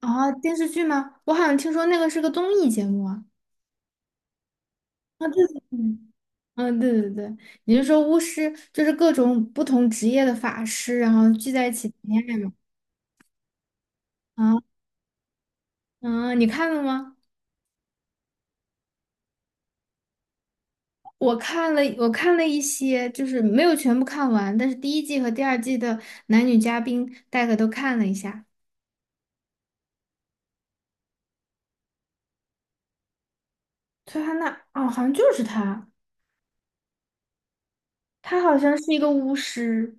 啊，电视剧吗？我好像听说那个是个综艺节目啊。啊，对对对。嗯，对对对。你是说巫师就是各种不同职业的法师，然后聚在一起谈恋爱吗？啊。嗯，你看了吗？我看了，一些，就是没有全部看完，但是第一季和第二季的男女嘉宾大概都看了一下。崔汉娜，哦，好像就是她好像是一个巫师。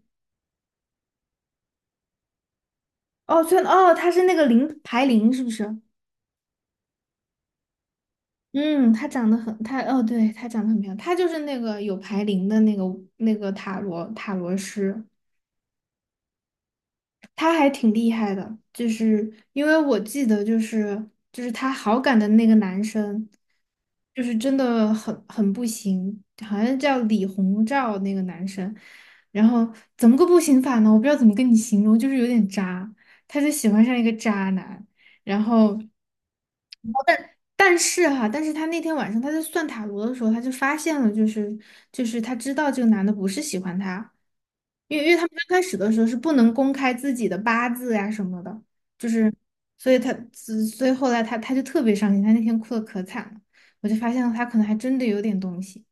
哦，崔，哦，她是那个零排零，是不是？嗯，他长得很，他哦，对，他长得很漂亮。他就是那个有牌灵的那个塔罗师，他还挺厉害的，就是因为我记得就是他好感的那个男生，就是真的很不行，好像叫李鸿照那个男生。然后怎么个不行法呢？我不知道怎么跟你形容，就是有点渣，他就喜欢上一个渣男。然后。但是哈，但是他那天晚上他在算塔罗的时候，他就发现了，就是他知道这个男的不是喜欢他，因为他们刚开始的时候是不能公开自己的八字呀、什么的。就是所以后来他就特别伤心，他那天哭的可惨了，我就发现了他可能还真的有点东西。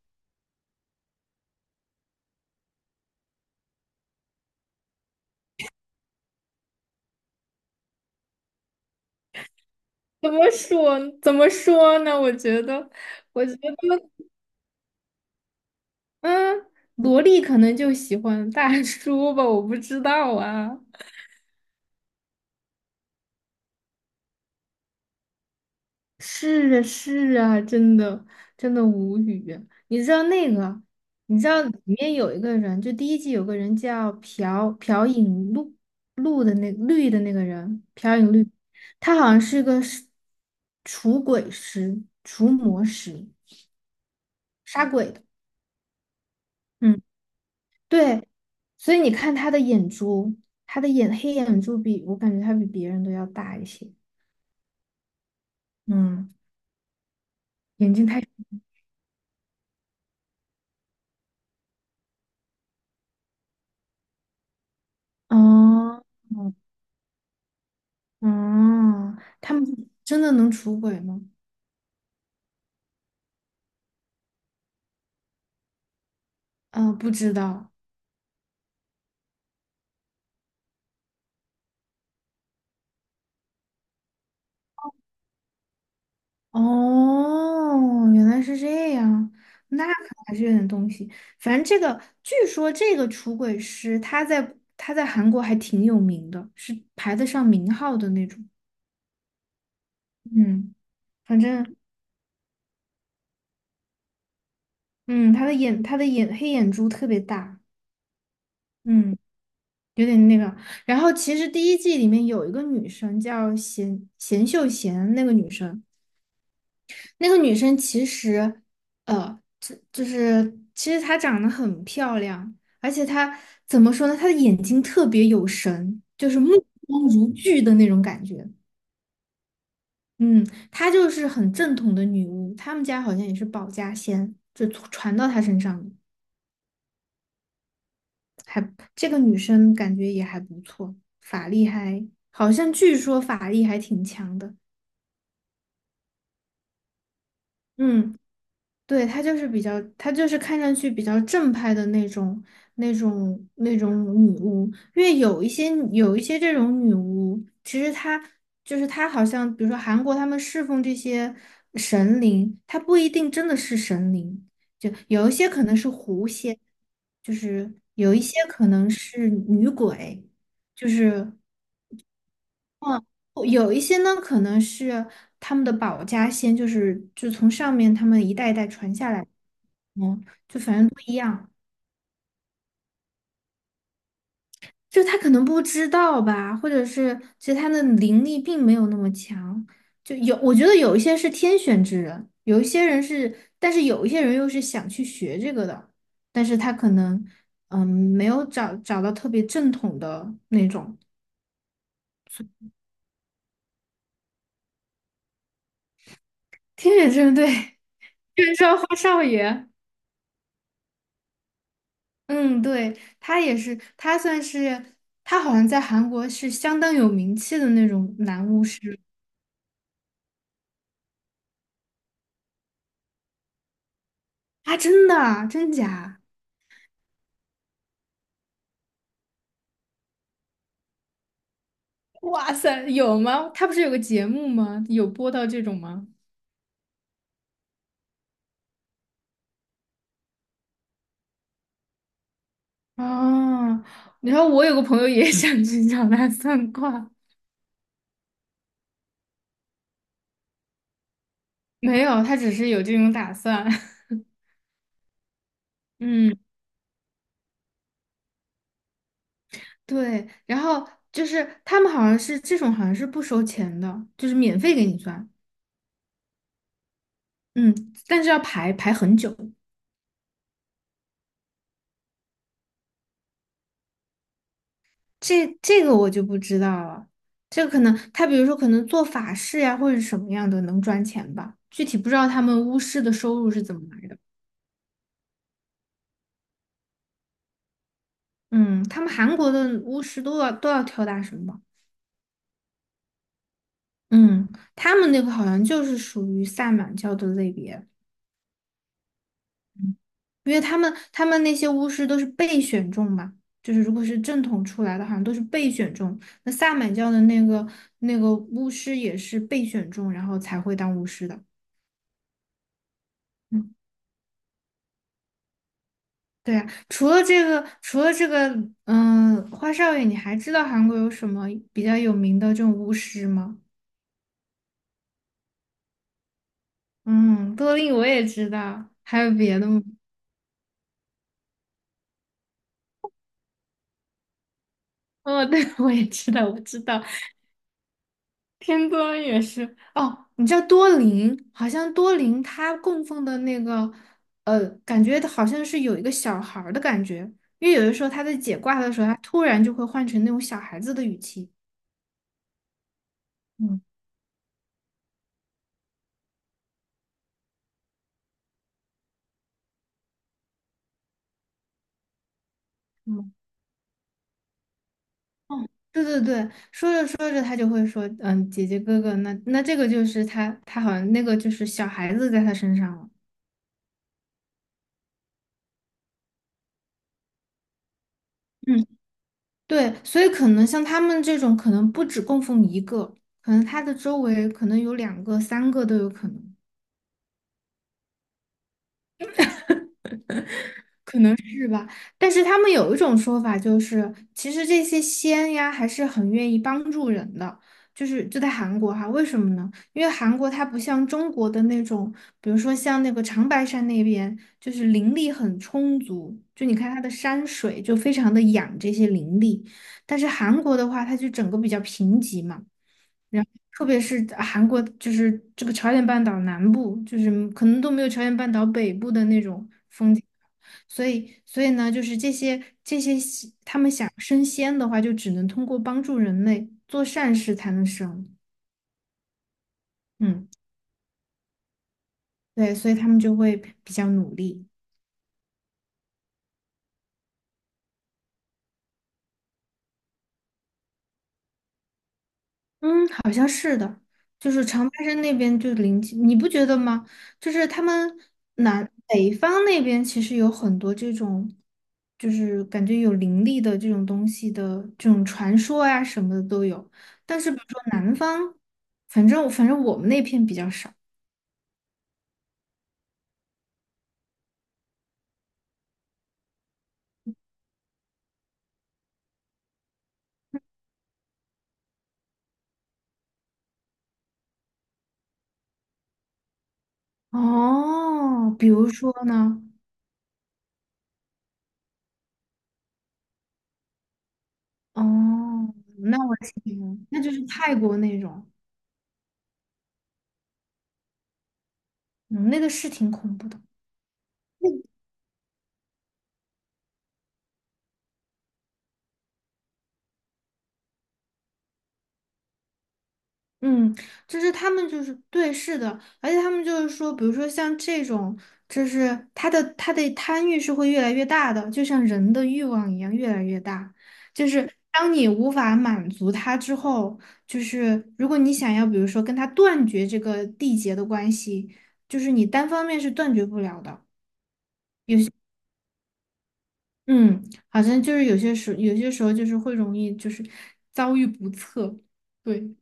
怎么说？怎么说呢？我觉得，我觉得，嗯，萝莉可能就喜欢大叔吧，我不知道啊。是啊，是啊，真的。真的无语啊。你知道那个，你知道里面有一个人，就第一季有个人叫朴槿禄绿的那个人，朴槿绿。他好像是除鬼师、除魔师，杀鬼的。嗯，对，所以你看他的眼珠，他的眼黑眼珠比我感觉他比别人都要大一些。嗯，眼睛太哦。嗯，他们真的能出轨吗？嗯，不知道。哦，原来是这样。那可还是有点东西。反正这个，据说这个出轨师他在韩国还挺有名的，是排得上名号的那种。嗯，反正。嗯，他的眼黑眼珠特别大。嗯，有点那个。然后其实第一季里面有一个女生叫秀贤，那个女生。那个女生其实，就是其实她长得很漂亮，而且她怎么说呢？她的眼睛特别有神，就是目光如炬的那种感觉。嗯，她就是很正统的女巫，她们家好像也是保家仙，就传到她身上的还。这个女生感觉也还不错，法力还好像据说法力还挺强的。嗯，对，她就是比较，她就是看上去比较正派的那种女巫。因为有一些这种女巫，其实她就是她，好像比如说韩国他们侍奉这些神灵，她不一定真的是神灵，就有一些可能是狐仙，就是有一些可能是女鬼，就是。嗯，哦有一些呢，可能是他们的保家仙，就是就从上面他们一代一代传下来。嗯，就反正不一样。就他可能不知道吧，或者是其实他的灵力并没有那么强，就有我觉得有一些是天选之人，有一些人是，但是有一些人又是想去学这个的，但是他可能没有找到特别正统的那种。天选之人，对，天是说花少爷。嗯，对，他也是，他算是，他好像在韩国是相当有名气的那种男巫师。啊，真的啊，真假？哇塞，有吗？他不是有个节目吗？有播到这种吗？啊，然后我有个朋友也 想去找他算卦。没有，他只是有这种打算。嗯，对，然后就是他们好像是这种，好像是不收钱的，就是免费给你算。嗯，但是要排很久。这个我就不知道了。这个可能他比如说可能做法事呀、或者什么样的能赚钱吧，具体不知道他们巫师的收入是怎么来的。嗯，他们韩国的巫师都要跳大神吧？嗯，他们那个好像就是属于萨满教的类别。嗯因为他们那些巫师都是被选中嘛，就是如果是正统出来的，好像都是被选中。那萨满教的那个巫师也是被选中，然后才会当巫师的。嗯。对呀，除了这个，嗯，花少爷，你还知道韩国有什么比较有名的这种巫师吗？嗯，多令我也知道，还有别的吗？哦，对，我也知道，我知道，天多也是。哦，你知道多林？好像多林他供奉的那个，感觉好像是有一个小孩儿的感觉，因为有的时候他在解卦的时候，他突然就会换成那种小孩子的语气。嗯嗯。哦，对对对，说着说着他就会说，嗯，姐姐哥哥，那这个就是他，他好像那个就是小孩子在他身上了。嗯，对，所以可能像他们这种，可能不止供奉一个，可能他的周围可能有两个、三个都有可能。但是他们有一种说法，就是其实这些仙呀还是很愿意帮助人的，就在韩国哈，为什么呢？因为韩国它不像中国的那种，比如说像那个长白山那边，就是灵力很充足，就你看它的山水就非常的养这些灵力，但是韩国的话，它就整个比较贫瘠嘛。然后特别是啊韩国，就是这个朝鲜半岛南部，就是可能都没有朝鲜半岛北部的那种风景。所以，所以呢，就是这些西他们想升仙的话，就只能通过帮助人类做善事才能升。嗯，对，所以他们就会比较努力。嗯，好像是的，就是长白山那边就灵气，你不觉得吗？就是他们南北方那边其实有很多这种，就是感觉有灵力的这种东西的这种传说呀、什么的都有。但是比如说南方，反正我们那片比较少。哦，比如说呢？哦，那我听，那就是泰国那种，嗯，那个是挺恐怖的。嗯，就是他们就是对，是的，而且他们就是说，比如说像这种，就是他的贪欲是会越来越大的，就像人的欲望一样越来越大。就是当你无法满足他之后，就是如果你想要，比如说跟他断绝这个缔结的关系，就是你单方面是断绝不了的。嗯，好像就是有些时候就是会容易就是遭遇不测，对。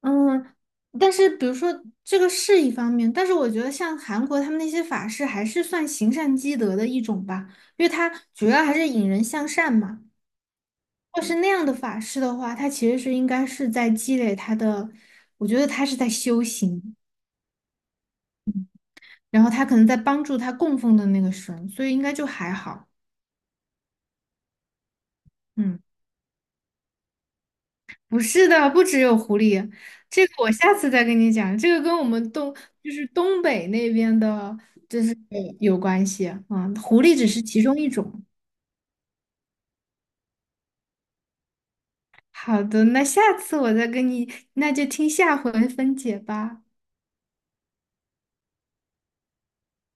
嗯，但是比如说这个是一方面，但是我觉得像韩国他们那些法师还是算行善积德的一种吧，因为它主要还是引人向善嘛。要是那样的法师的话，他其实是应该是在积累他的，我觉得他是在修行，然后他可能在帮助他供奉的那个神，所以应该就还好。嗯。不是的，不只有狐狸，这个我下次再跟你讲。这个跟我们东就是东北那边的有关系啊。嗯狐狸只是其中一种。好的，那下次我再跟你，那就听下回分解吧。